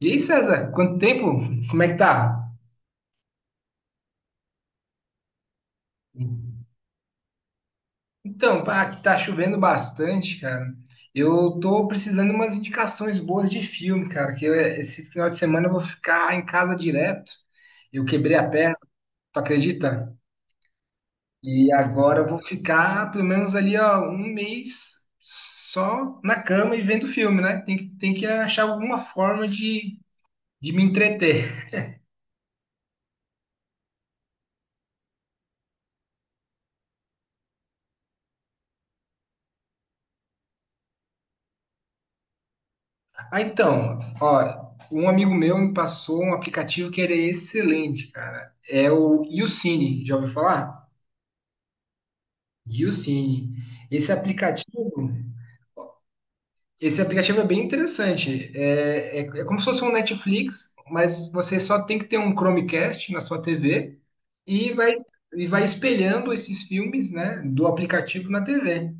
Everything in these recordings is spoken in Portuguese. E aí, César, quanto tempo? Como é que tá? Aqui tá chovendo bastante, cara. Eu tô precisando de umas indicações boas de filme, cara, esse final de semana eu vou ficar em casa direto. Eu quebrei a perna, tu acredita? E agora eu vou ficar pelo menos ali, ó, um mês só na cama e vendo filme, né? Tem que achar alguma forma de me entreter. Então, ó, um amigo meu me passou um aplicativo que ele é excelente, cara. É o YouCine, já ouviu falar? YouCine. Esse aplicativo, esse aplicativo é bem interessante. É como se fosse um Netflix, mas você só tem que ter um Chromecast na sua TV e vai, e vai espelhando esses filmes, né, do aplicativo na TV,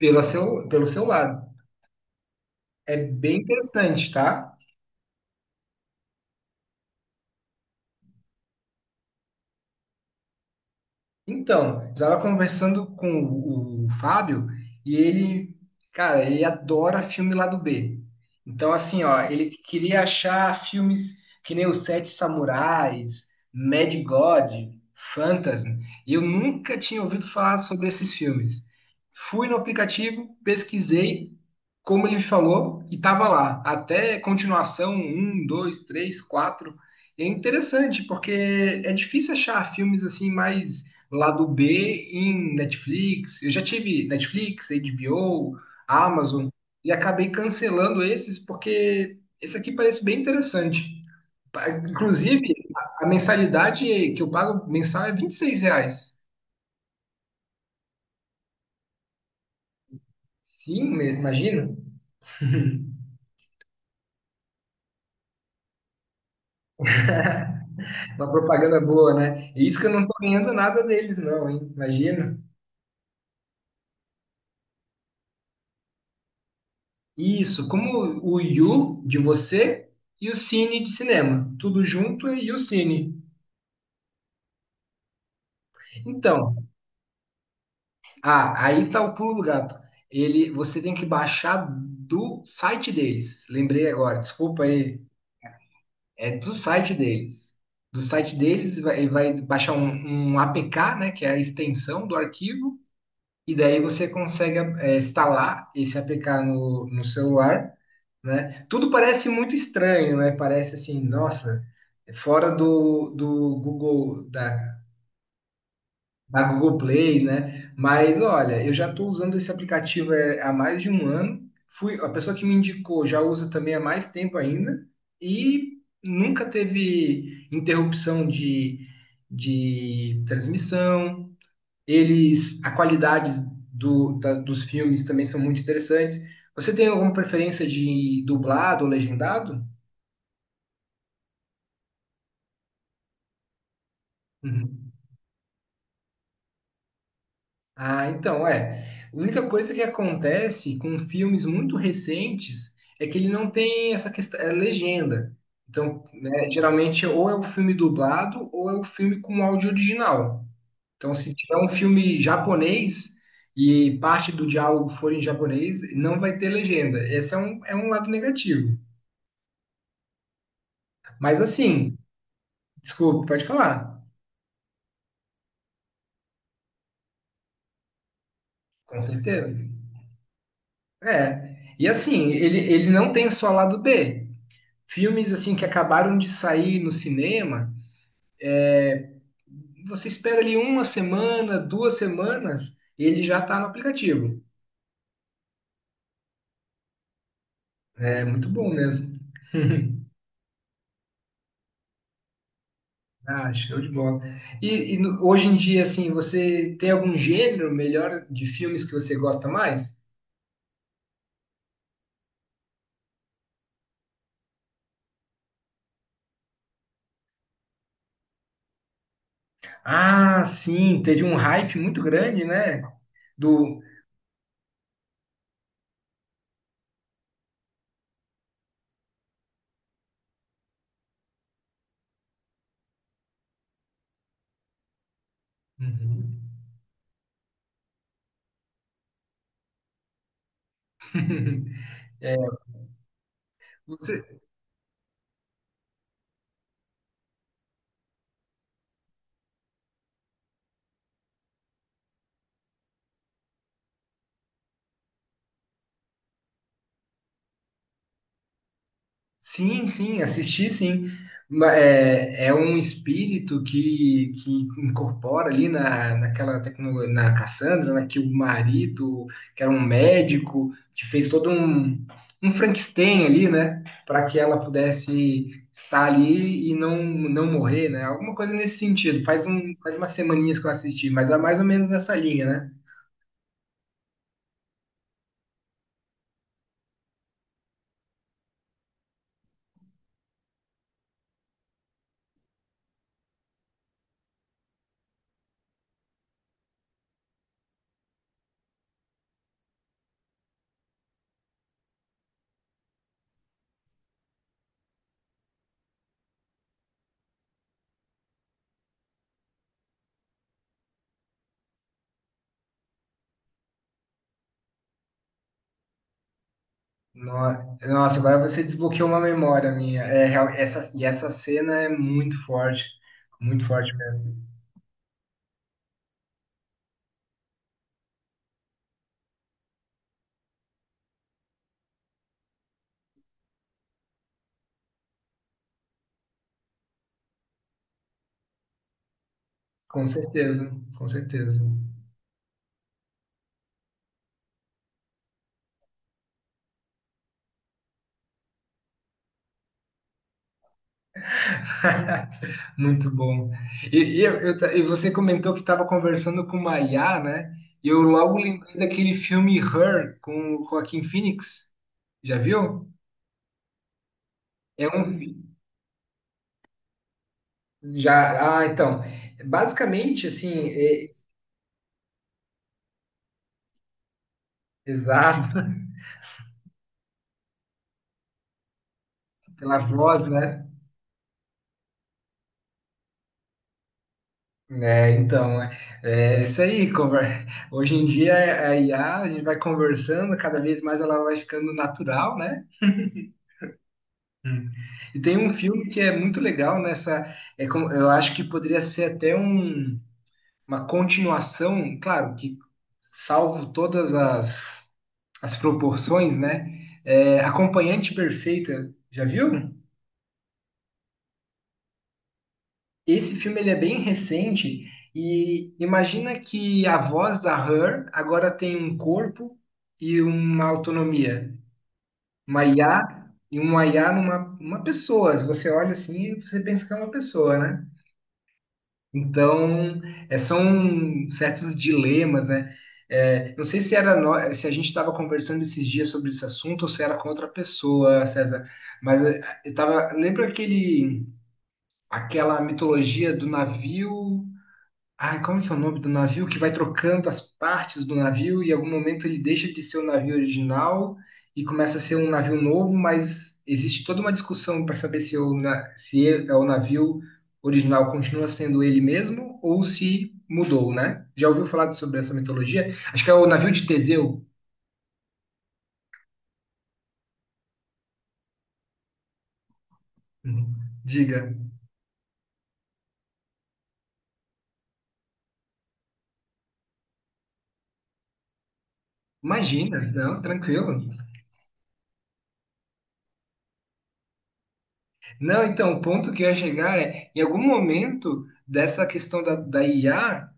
pelo seu lado. É bem interessante, tá? Então, eu estava conversando com o Fábio e ele, cara, ele adora filme lado B. Então, assim, ó, ele queria achar filmes que nem Os Sete Samurais, Mad God, Phantasm. E eu nunca tinha ouvido falar sobre esses filmes. Fui no aplicativo, pesquisei, como ele falou, e tava lá. Até continuação, um, dois, três, quatro. É interessante, porque é difícil achar filmes assim mais lado B em Netflix. Eu já tive Netflix, HBO, Amazon e acabei cancelando esses porque esse aqui parece bem interessante. Inclusive, a mensalidade que eu pago mensal é R$ 26. Sim, imagina. Uma propaganda boa, né? E isso que eu não tô ganhando nada deles, não, hein? Imagina. Isso, como o You de você e o Cine de cinema. Tudo junto e o Cine. Então, ah, aí tá o pulo do gato. Ele, você tem que baixar do site deles. Lembrei agora, desculpa aí. É do site deles. Do site deles, ele vai baixar um APK, né, que é a extensão do arquivo, e daí você consegue instalar esse APK no celular, né? Tudo parece muito estranho, né? Parece assim, nossa, é fora do Google, da Google Play, né? Mas olha, eu já estou usando esse aplicativo há mais de um ano. Fui, a pessoa que me indicou já usa também há mais tempo ainda e nunca teve interrupção de transmissão. Eles, a qualidade dos filmes também são muito interessantes. Você tem alguma preferência de dublado ou legendado? Uhum. Ah, então, é. A única coisa que acontece com filmes muito recentes é que ele não tem essa questão, é legenda. Então, né, geralmente é ou é o filme dublado ou é o filme com áudio original. Então, se tiver um filme japonês e parte do diálogo for em japonês, não vai ter legenda. Esse é é um lado negativo. Mas assim, desculpa, pode falar. Com certeza. É. E assim, ele não tem só lado B. Filmes assim que acabaram de sair no cinema, você espera ali uma semana, duas semanas, e ele já está no aplicativo. É muito bom mesmo. Ah, show de bola. Hoje em dia, assim, você tem algum gênero melhor de filmes que você gosta mais? Ah, sim, teve um hype muito grande, né? Do. Uhum. Você- Sim, sim, assisti sim. É, é um espírito que incorpora ali naquela tecnologia, na Cassandra, né, que o marido, que era um médico, que fez todo um Frankenstein ali, né, para que ela pudesse estar ali e não morrer, né, alguma coisa nesse sentido. Faz umas semaninhas que eu assisti, mas é mais ou menos nessa linha, né? Nossa, agora você desbloqueou uma memória minha. Essa, e essa cena é muito forte mesmo. Com certeza, com certeza. Muito bom. E você comentou que estava conversando com uma IA, né? E eu logo lembrei daquele filme Her com o Joaquin Phoenix. Já viu? É um fi- então, basicamente assim, exato. Pela voz, né? É, então, é, é isso aí. Hoje em dia, a IA, a gente vai conversando, cada vez mais ela vai ficando natural, né? Hum. E tem um filme que é muito legal nessa. Eu acho que poderia ser até uma continuação, claro, que salvo todas as proporções, né? É, Acompanhante Perfeita, já viu? Esse filme ele é bem recente e imagina que a voz da Her agora tem um corpo e uma autonomia, uma IA e uma IA numa uma pessoa. Você olha assim e você pensa que é uma pessoa, né? Então, é, são certos dilemas, né? É, não sei se era nó- se a gente estava conversando esses dias sobre esse assunto ou se era com outra pessoa, César. Mas é, eu tava, lembra aquele aquela mitologia do navio. Ai, como é que é o nome do navio que vai trocando as partes do navio e em algum momento ele deixa de ser o navio original e começa a ser um navio novo, mas existe toda uma discussão para saber se, se é o navio original continua sendo ele mesmo ou se mudou, né? Já ouviu falar sobre essa mitologia? Acho que é o navio de Teseu. Uhum. Diga. Imagina, não, tranquilo. Não, então, o ponto que eu ia chegar é, em algum momento dessa questão da IA,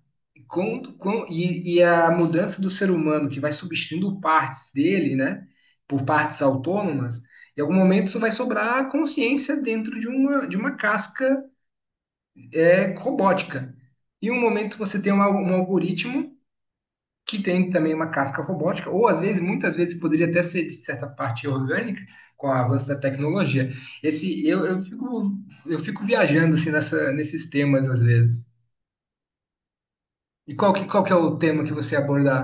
E a mudança do ser humano que vai substituindo partes dele, né, por partes autônomas, em algum momento isso vai sobrar a consciência dentro de de uma casca robótica. E um momento você tem um algoritmo que tem também uma casca robótica, ou às vezes, muitas vezes, poderia até ser de certa parte orgânica, com o avanço da tecnologia. Esse, eu, eu fico, eu fico viajando assim, nesses temas às vezes. E qual que é o tema que você ia abordar?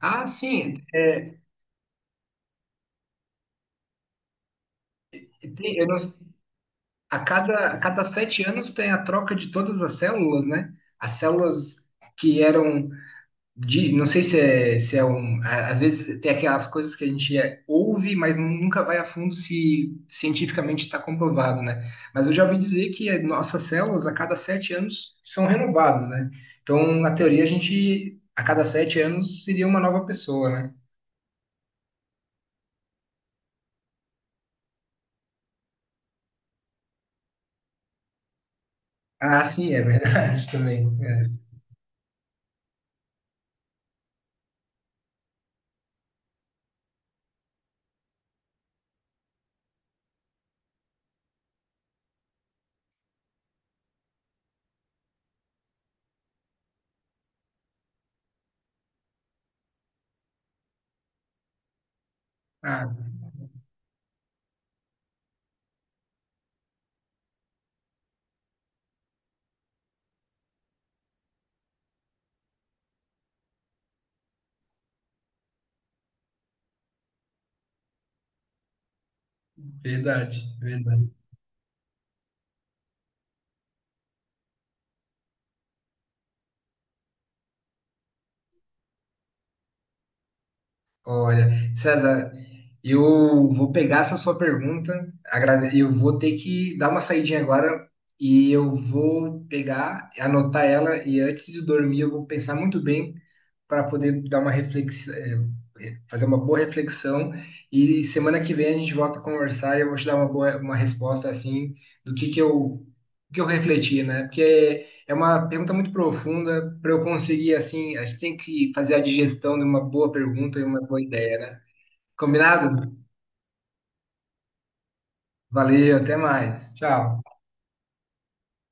Ah, sim, é. Tem- eu não- a cada 7 anos tem a troca de todas as células, né? As células que eram de, não sei se é, às vezes tem aquelas coisas que a gente ouve, mas nunca vai a fundo se cientificamente está comprovado, né? Mas eu já ouvi dizer que nossas células a cada sete anos são renovadas, né? Então, na teoria, a gente a cada sete anos seria uma nova pessoa, né? Ah, sim, é verdade também. É. Ah, verdade, verdade. Olha, César, eu vou pegar essa sua pergunta, eu vou ter que dar uma saidinha agora e eu vou pegar, anotar ela e antes de dormir eu vou pensar muito bem para poder dar uma reflexão, fazer uma boa reflexão. E semana que vem a gente volta a conversar e eu vou te dar uma resposta assim do que que eu refleti, né? Porque é uma pergunta muito profunda para eu conseguir assim, a gente tem que fazer a digestão de uma boa pergunta e uma boa ideia, né? Combinado? Valeu, até mais. Tchau.